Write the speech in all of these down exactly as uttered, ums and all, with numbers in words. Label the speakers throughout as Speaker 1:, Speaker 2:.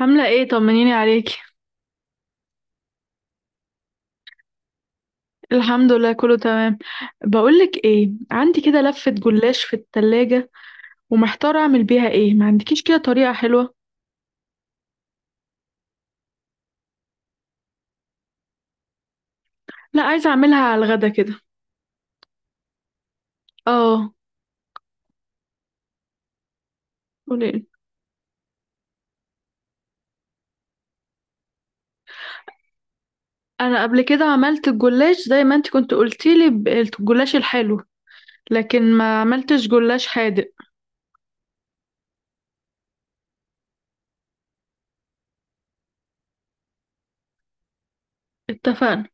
Speaker 1: عاملة ايه؟ طمنيني عليكي. الحمد لله كله تمام. بقولك ايه، عندي كده لفة جلاش في التلاجة ومحتارة اعمل بيها ايه، ما عندكيش كده طريقة حلوة؟ لا، عايزة اعملها على الغدا كده. اه. قولي. انا قبل كده عملت الجلاش زي ما انت كنت قلتيلي ب- الجلاش الحلو، لكن ما عملتش جلاش حادق. اتفقنا.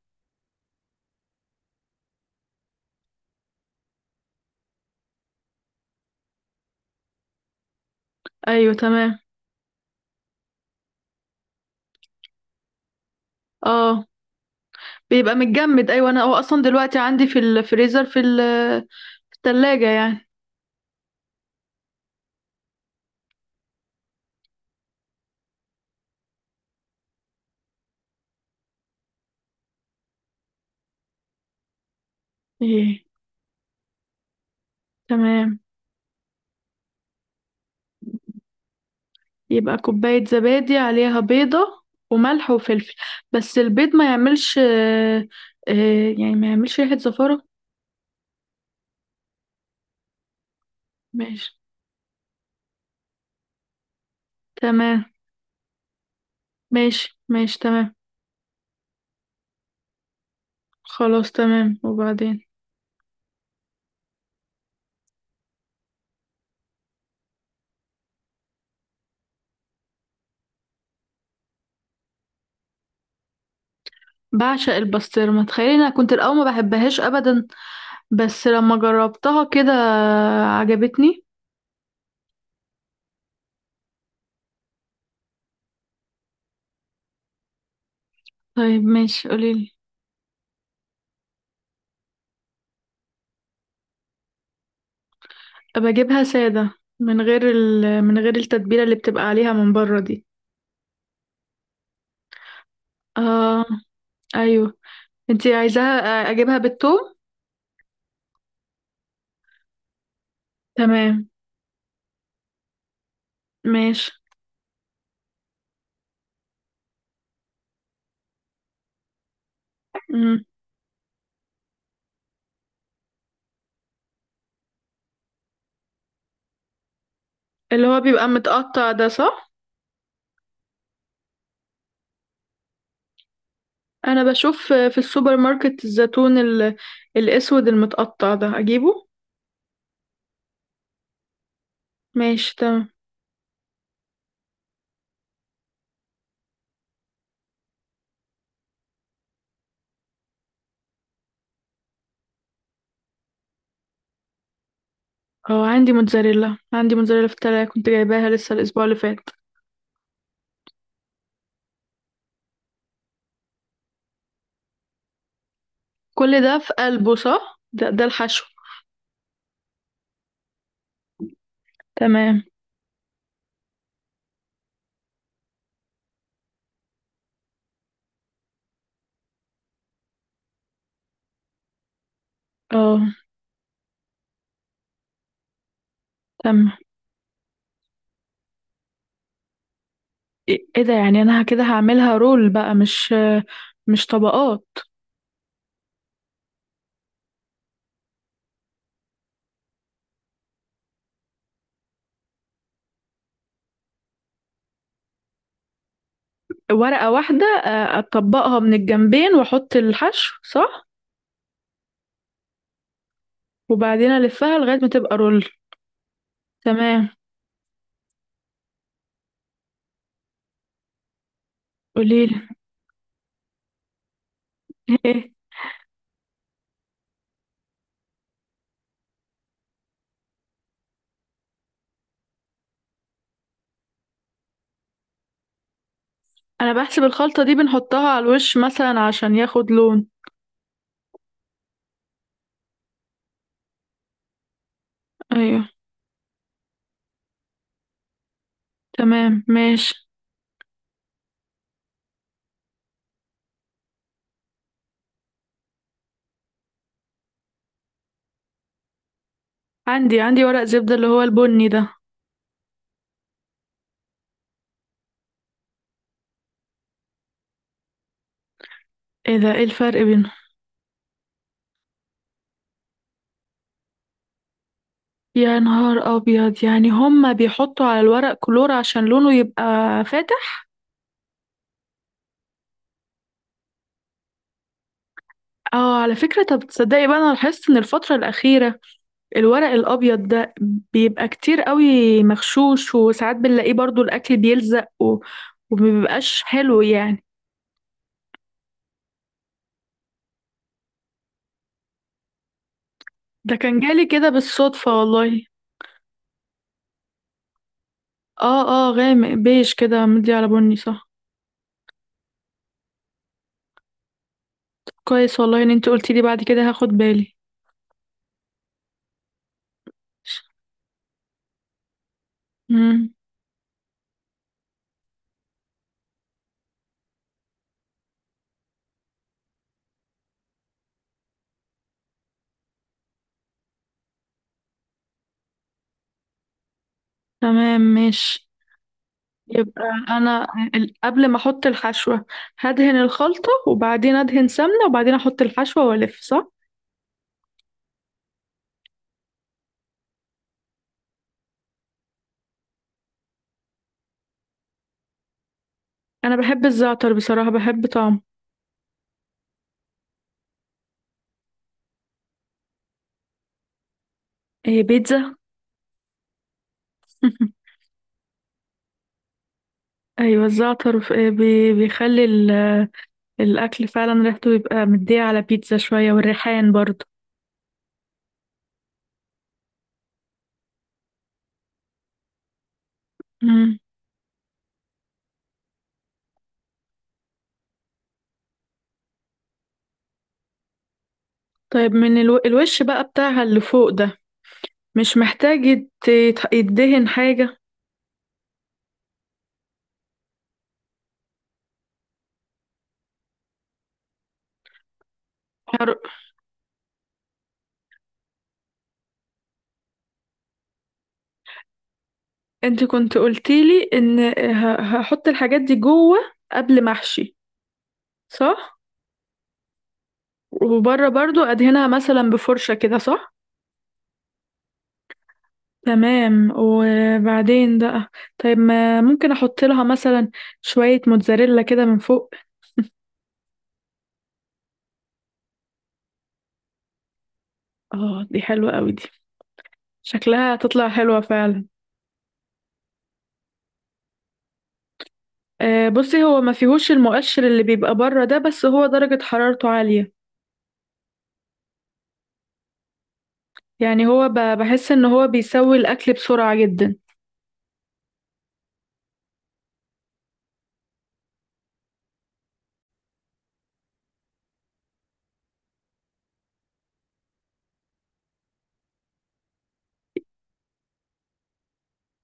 Speaker 1: ايوه تمام. اه بيبقى متجمد، ايوه انا هو اصلا دلوقتي عندي في الفريزر في ال- في التلاجة يعني. ايه تمام. يبقى كوباية زبادي عليها بيضة وملح وفلفل، بس البيض ما يعملش آه، آه، يعني ما يعملش ريحة زفارة. ماشي. تمام. ماشي ماشي. تمام. خلاص تمام. وبعدين؟ بعشق البسطرمة، تخيلي انا كنت الاول ما بحبهاش ابدا، بس لما جربتها كده عجبتني. طيب ماشي قوليلي. ابقى اجيبها سادة، من غير ال... من غير التتبيلة اللي بتبقى عليها من بره دي. اه. ايوه. انتي عايزاها آه، اجيبها بالثوم؟ تمام ماشي. مم. اللي هو بيبقى متقطع ده، صح؟ انا بشوف في السوبر ماركت الزيتون ال... الاسود المتقطع ده اجيبه. ماشي تمام. اه عندي موتزاريلا، عندي موتزاريلا في التلاجة، كنت جايباها لسه الاسبوع اللي فات. كل ده في قلبه، صح؟ ده, ده الحشو. تمام. اه تمام. ايه إيه ده؟ يعني انا كده هعملها رول بقى؟ مش مش طبقات؟ ورقة واحدة آه، اطبقها من الجنبين واحط الحشو، صح؟ وبعدين الفها لغاية ما تبقى رول. تمام. قوليلي. ايه؟ انا بحسب الخلطة دي بنحطها على الوش مثلا عشان ياخد لون. ايوه. تمام ماشي. عندي، عندي ورق زبدة اللي هو البني ده. ايه ده؟ ايه الفرق بينهم؟ يا نهار ابيض، يعني هما بيحطوا على الورق كلور عشان لونه يبقى فاتح؟ اه على فكرة. طب تصدقي بقى انا لاحظت ان الفترة الاخيرة الورق الابيض ده بيبقى كتير قوي مغشوش، وساعات بنلاقيه برضو الاكل بيلزق و... ومبيبقاش حلو يعني. ده كان جالي كده بالصدفة والله. اه. اه غامق بيج كده مدي على بني، صح. كويس والله ان انت قلتي لي، بعد كده هاخد بالي. امم. تمام ماشي. يبقى انا ال- قبل ما احط الحشوة هدهن الخلطة، وبعدين ادهن سمنة، وبعدين احط الحشوة والف، صح؟ انا بحب الزعتر بصراحة، بحب طعمه. ايه؟ بيتزا؟ ايوه الزعتر ف- بي- بيخلي ال- الاكل فعلا ريحته يبقى مديه على بيتزا شوية، والريحان برضه. امم. طيب من الو... الوش بقى بتاعها اللي فوق ده مش محتاج يت- يت- يدهن حاجة؟ هر-. انت كنت قلتيلي ان ه- هحط الحاجات دي جوه قبل ما احشي، صح؟ وبره برضو ادهنها مثلا بفرشة كده، صح؟ تمام. وبعدين بقى، طيب ما ممكن احط لها مثلا شوية موتزاريلا كده من فوق؟ اه دي حلوة قوي دي، شكلها هتطلع حلوة فعلا. آه بصي، هو ما فيهوش المؤشر اللي بيبقى بره ده، بس هو درجة حرارته عالية. يعني هو ب- بحس ان هو بيسوي الاكل بسرعة جدا.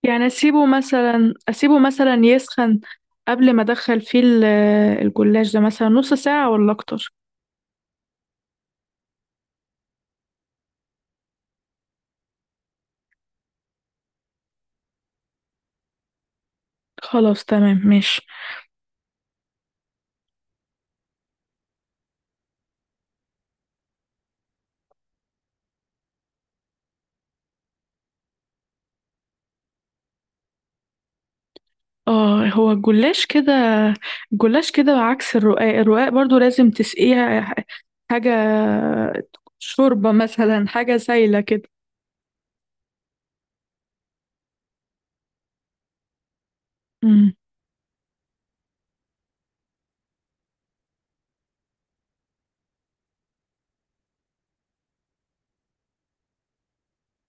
Speaker 1: يعني اسيبه مثلا، اسيبه مثلا يسخن قبل ما ادخل فيه ال- الجلاش ده مثلا نص ساعة ولا اكتر؟ خلاص تمام ماشي. اه هو الجلاش كده، الجلاش كده عكس الرقاق. الرقاق برضو لازم تسقيها ح- حاجة، شوربة مثلا، حاجة سايلة كده. مم.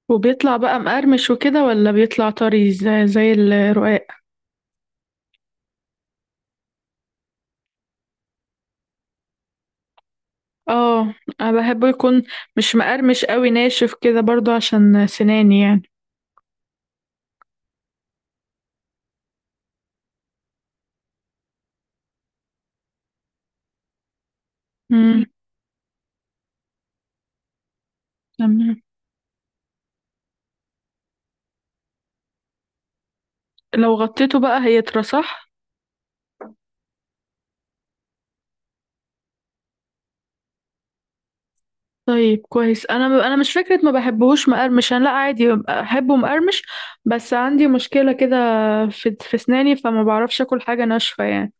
Speaker 1: وبيطلع بقى مقرمش وكده ولا بيطلع طري زي، زي الرقاق؟ اه. انا بحبه يكون مش مقرمش قوي، ناشف كده برضو عشان سناني يعني. مم. تمام. لو غطيته بقى هيطرى، صح؟ طيب كويس. انا انا مش فكره ما بحبهوش مقرمش، انا لا عادي احبه مقرمش، بس عندي مشكله كده في في اسناني، فما بعرفش اكل حاجه ناشفه يعني.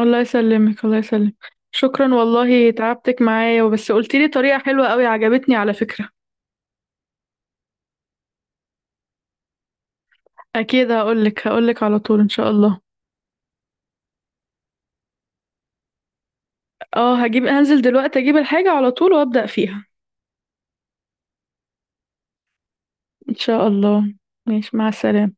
Speaker 1: الله يسلمك، الله يسلمك. شكرا والله تعبتك معايا، وبس قلتي لي طريقه حلوه قوي عجبتني على فكره. اكيد هقولك، هقولك على طول ان شاء الله. اه هجيب، هنزل دلوقتي اجيب الحاجه على طول وابدا فيها ان شاء الله. ماشي، مع السلامه.